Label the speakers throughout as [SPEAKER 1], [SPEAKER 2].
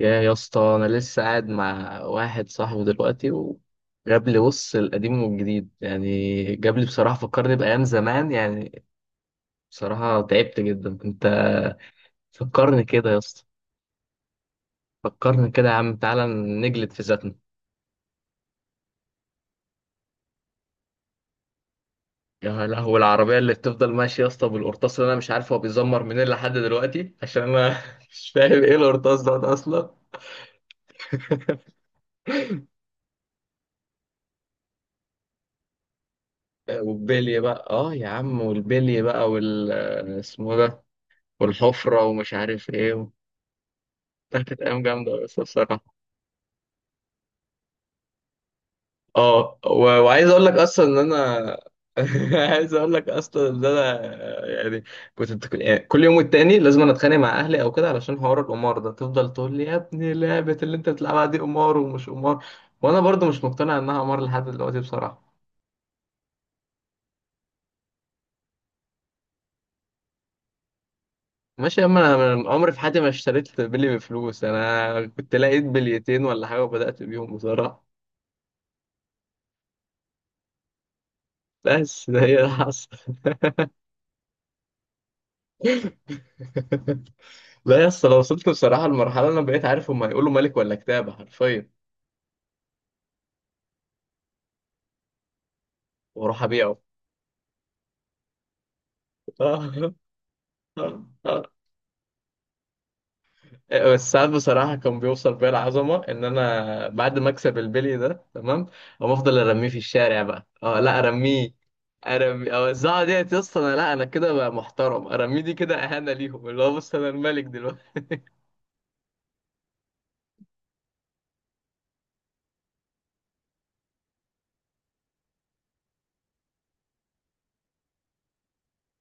[SPEAKER 1] يا اسطى، انا لسه قاعد مع واحد صاحبي دلوقتي وجاب لي بص القديم والجديد، يعني جاب لي بصراحه فكرني بايام زمان يعني. بصراحه تعبت جدا انت. فكرني كده يا اسطى. فكرني كده يا عم، تعالى نجلد في ذاتنا. يا لهوي العربيه اللي بتفضل ماشيه يا اسطى بالقرطاس، اللي انا مش عارف هو بيزمر منين لحد دلوقتي عشان انا مش فاهم ايه القرطاس ده اصلا. والبلي بقى اه يا عم، والبلي بقى اسمه ده. والحفرة ومش عارف ايه. كانت ايام جامده بس بصراحه. اه وعايز اقول لك اصلا ان انا، عايز اقول لك اصلا ان انا يعني كنت، يعني كل يوم والتاني لازم أنا اتخانق مع اهلي او كده علشان حوار القمار ده. تفضل تقول لي يا ابني لعبه اللي انت بتلعبها دي قمار، ومش قمار. وانا برضو مش مقتنع انها قمار لحد دلوقتي بصراحه. ماشي يا عم، انا من عمري في حياتي ما اشتريت بلي بفلوس، انا كنت لقيت بليتين ولا حاجه وبدات بيهم بصراحه. بس ده هي اللي حصل. لا يا اسطى، لو وصلت بصراحة لمرحلة أنا بقيت عارف هما هيقولوا ملك ولا كتابة حرفيا، وأروح أبيعه. بس ساعات بصراحة كان بيوصل بيا العظمة إن أنا بعد ما أكسب البلي ده تمام، أقوم أفضل أرميه في الشارع بقى. أه لا أرميه، أرمي، أوزعه ديت يا اسطى. أنا لا، أنا كده بقى محترم، أرميه دي كده إهانة ليهم، اللي هو بص أنا الملك دلوقتي.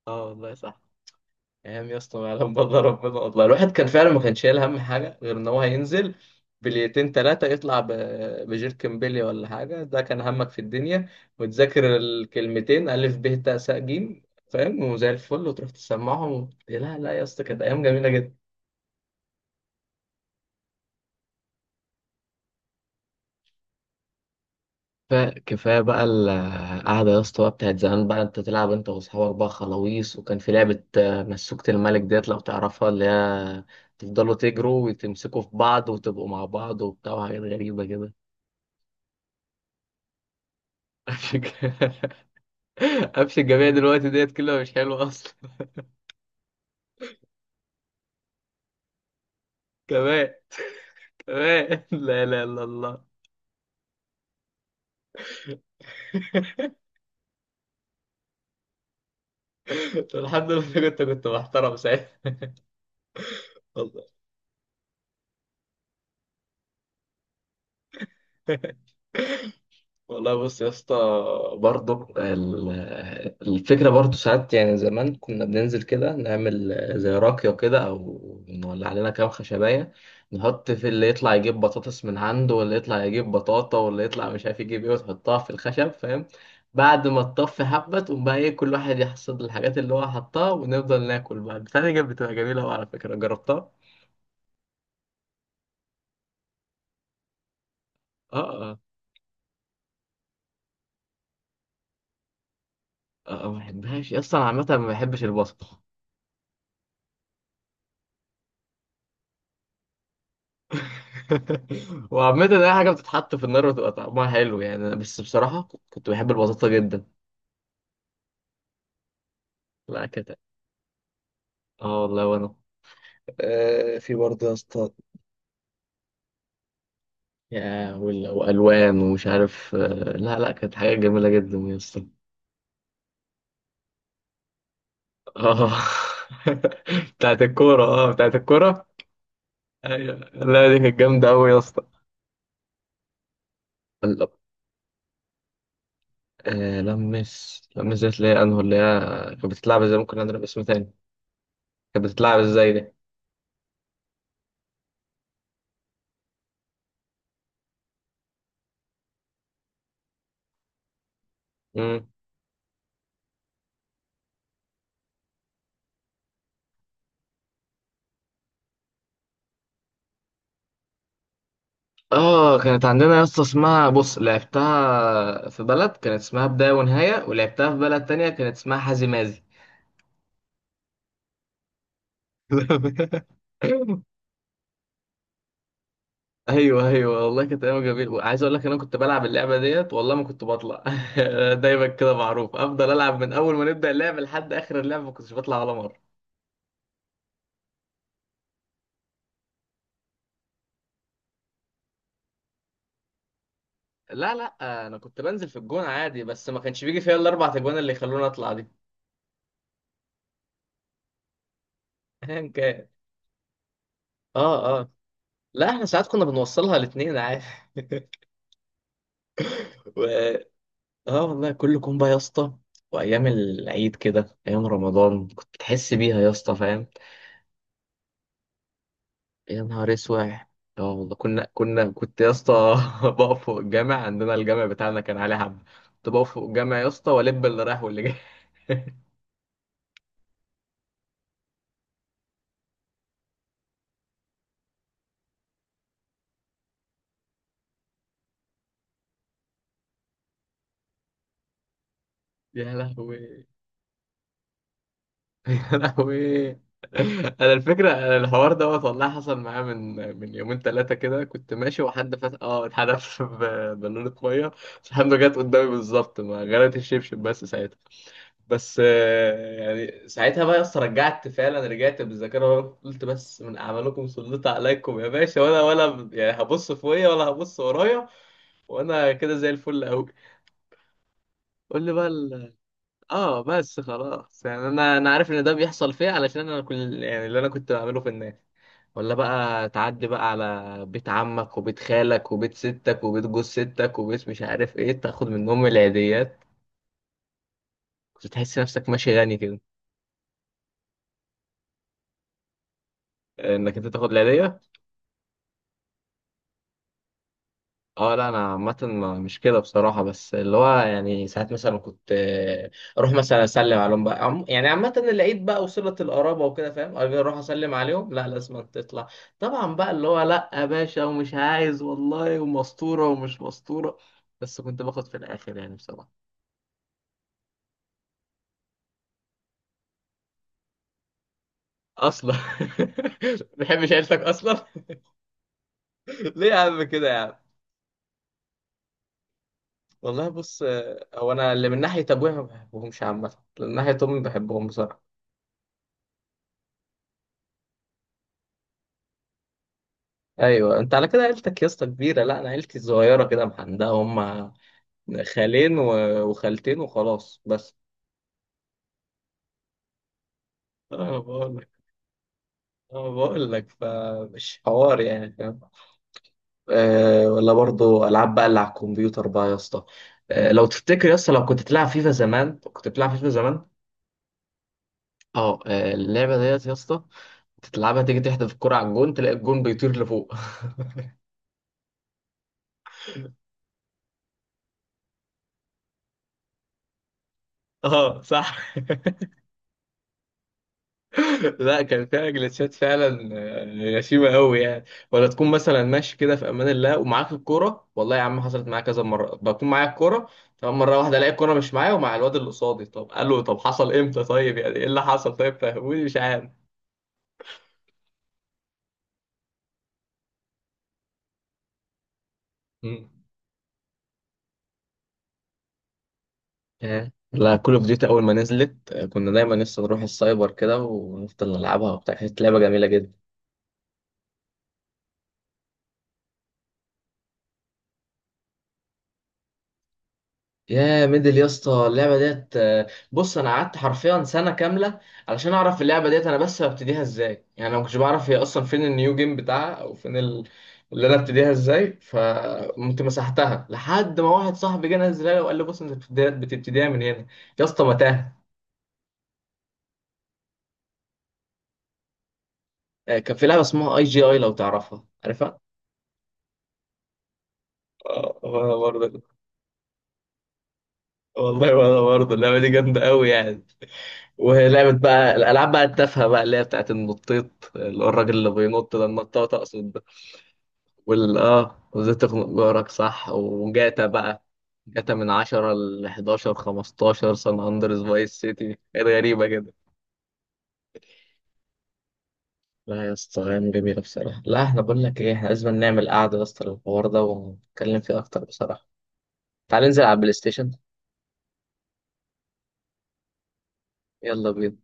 [SPEAKER 1] أه والله صح. ايام يا اسطى ما يعلم بالله ربنا، والله الواحد كان فعلا ما كانش شايل هم حاجه غير ان هو هينزل بليتين تلاتة يطلع بجيركن بيلي ولا حاجه. ده كان همك في الدنيا. وتذاكر الكلمتين الف ب ت س ج، فاهم، وزي الفل وتروح تسمعهم. لا لا يا اسطى، كانت ايام جميله. كفاية كفاية بقى القعدة يا اسطى بقى بتاعت زمان بقى. انت تلعب انت واصحابك بقى خلاويص، وكان في لعبة آه، مسوكة الملك ديت، لو تعرفها، اللي هي تفضلوا تجروا وتمسكوا في بعض وتبقوا مع بعض وبتاع وحاجات غريبة كده. قفش الج- قفش الجميع دلوقتي ديت كلها مش حلوة أصلا. كمان، كمان، لا لا لا الله. الحمد لله، كنت محترم ساعتها. والله. والله بص يا اسطى، برضه ال- الفكرة برضه ساعات يعني زمان كنا بننزل كده نعمل زي راكية كده، أو نولع لنا كام خشباية، نحط في اللي يطلع يجيب بطاطس من عنده، واللي يطلع يجيب بطاطا، واللي يطلع مش عارف يجيب إيه، وتحطها في الخشب فاهم. بعد ما تطفي حبة تقوم بقى إيه، كل واحد يحصد الحاجات اللي هو حطها ونفضل ناكل بقى. بتاعتي كانت بتبقى جميلة أوي على فكرة، جربتها؟ آه، آه. آه، ما بحبهاش أصلا، عامة ما بحبش البصل. وعامة أي حاجة بتتحط في النار بتبقى طعمها حلو يعني، أنا بس بصراحة كنت بحب البساطة جدا. لا كده. اه والله، وأنا. آه، في برضه يا اسطى، وألوان ومش عارف آه. لا لا كانت حاجة جميلة جدا يا اسطى. اه. بتاعت الكورة، اه بتاعت الكورة. أيوة، لا دي كانت جامدة أوي يا اسطى. ال- آه، لمس، لمس دي اللي هي أنهو، اللي هي كانت بتتلعب ازاي؟ ممكن أضرب اسم تاني، كانت بتتلعب ازاي؟ دي اه كانت عندنا يا اسطى اسمها، بص، لعبتها في بلد كانت اسمها بداية ونهاية، ولعبتها في بلد تانية كانت اسمها حازي مازي. ايوه ايوه، والله كانت ايام جميله. عايز اقول لك إن انا كنت بلعب اللعبه ديت والله ما كنت بطلع. دايما كده معروف افضل العب، من اول ما نبدا اللعب لحد اخر اللعب ما كنتش بطلع ولا مره. لا لا، انا كنت بنزل في الجون عادي، بس ما كانش بيجي فيها الا اربع اجوان اللي يخلوني اطلع دي. ايا كان. اه، اه. لا احنا ساعات كنا بنوصلها الاثنين عادي. و... اه والله، كل كومبا يا اسطى. وايام العيد كده، ايام رمضان كنت بتحس بيها يا اسطى فاهم. يا نهار اسود. اه والله، كنا كنا كنت يا اسطى بقف فوق الجامع. عندنا الجامع بتاعنا كان عليه حب، كنت بقف فوق الجامع يا اسطى والب اللي رايح واللي جاي. يا لهوي، يا لهوي. انا الفكره، أنا الحوار دوت والله حصل معايا من يومين ثلاثه كده. كنت ماشي وحد فات اه اتحدف بالونه ميه، بس الحمد لله جت قدامي بالظبط، ما غرقت الشبشب بس. بس آه، يعني ساعتها بقى يا اسطى رجعت، فعلا رجعت بالذاكره ورا، قلت بس من اعمالكم سلط عليكم يا باشا، ولا يعني هبص فوقيا ولا هبص ورايا، وانا كده زي الفل قوي. قول لي بقى اه بس خلاص يعني، انا عارف ان ده بيحصل فيا، علشان انا كل يعني اللي انا كنت بعمله في الناس. ولا بقى تعدي بقى على بيت عمك وبيت خالك وبيت ستك وبيت جوز ستك وبيت مش عارف ايه، تاخد منهم العيديات. كنت تحس نفسك ماشي غني كده، انك انت تاخد العيديه. اه لا انا عامه، مش كده بصراحه. بس اللي هو يعني ساعات مثلا كنت آه، اروح مثلا اسلم عليهم بقى، يعني عامه العيد بقى وصله القرابه وكده فاهم، اجي اروح اسلم عليهم. لا لازم تطلع، طبعا بقى اللي هو لا يا باشا ومش عايز والله، ومسطوره ومش مسطوره، بس كنت باخد في الاخر يعني بصراحه. اصلا ما بحبش عيلتك اصلا. ليه يا عم كده يا عم؟ والله بص آه، هو انا اللي من ناحيه ابويا ما بحبهمش عامه. من ناحيه امي ما بحبهم بصراحه. ايوه انت على كده عيلتك يا اسطى كبيره، لا انا عيلتي صغيره كده محندقه هم، خالين وخالتين وخلاص بس. انا بقول لك انا بقول لك فمش حوار يعني فاهم. أه ولا برضو العاب بقى اللي على الكمبيوتر بقى يا اسطى. أه لو تفتكر يا اسطى، لو كنت تلعب فيفا زمان، كنت بتلعب فيفا زمان. اه آه، اللعبه ديت يا اسطى تلعبها تيجي تحدف الكرة على الجون، تلاقي الجون بيطير لفوق. اه صح. لا كان فيها جلتشات فعلا، آه، غشيمه قوي يعني. ولا تكون مثلا ماشي كده في امان الله ومعاك الكوره، والله يا عم حصلت معايا كذا مره بكون معايا الكوره تمام، مره واحده الاقي الكوره مش معايا ومع الواد اللي قصادي. طب قال له طب حصل امتى، طيب يعني ايه اللي حصل، طيب فهموني مش عارف. مم. آه. لا كل اوف ديوتي اول ما نزلت آه، كنا دايما لسه نروح السايبر كده ونفضل نلعبها وبتاع. كانت لعبه جميله جدا. يا ميدل يا اسطى، اللعبه ديت آه، بص انا قعدت حرفيا سنه كامله علشان اعرف اللعبه ديت انا بس ببتديها ازاي، يعني انا ما كنتش بعرف هي اصلا فين النيو جيم بتاعها، او فين اللي انا ابتديها ازاي، فقمت مسحتها، لحد ما واحد صاحبي جه نزلها لي وقال لي بص انت بتبتديها من هنا. يا اسطى متاهه. آه، كان في لعبه اسمها اي جي اي لو تعرفها، عارفها. آه، وانا برضه. والله وانا برضه، اللعبه دي جامده قوي يعني. ولعبة بقى، الألعاب بقى التافهة بقى، اللي هي بتاعت النطيط، اللي هو الراجل اللي بينط ده، النطاط أقصد ده. وال آه، وإزاي تخنق جارك، صح، وجاتا بقى. جاتا من 10 ل 11، 15، سان أندرس، فايس سيتي، كانت غريبة كده. لا يا اسطى أيام جميلة بصراحة. لا احنا بقول لك إيه، احنا لازم نعمل قعدة يا اسطى للحوار ده ونتكلم فيه أكتر بصراحة. تعال ننزل على البلاي ستيشن. يلا بينا.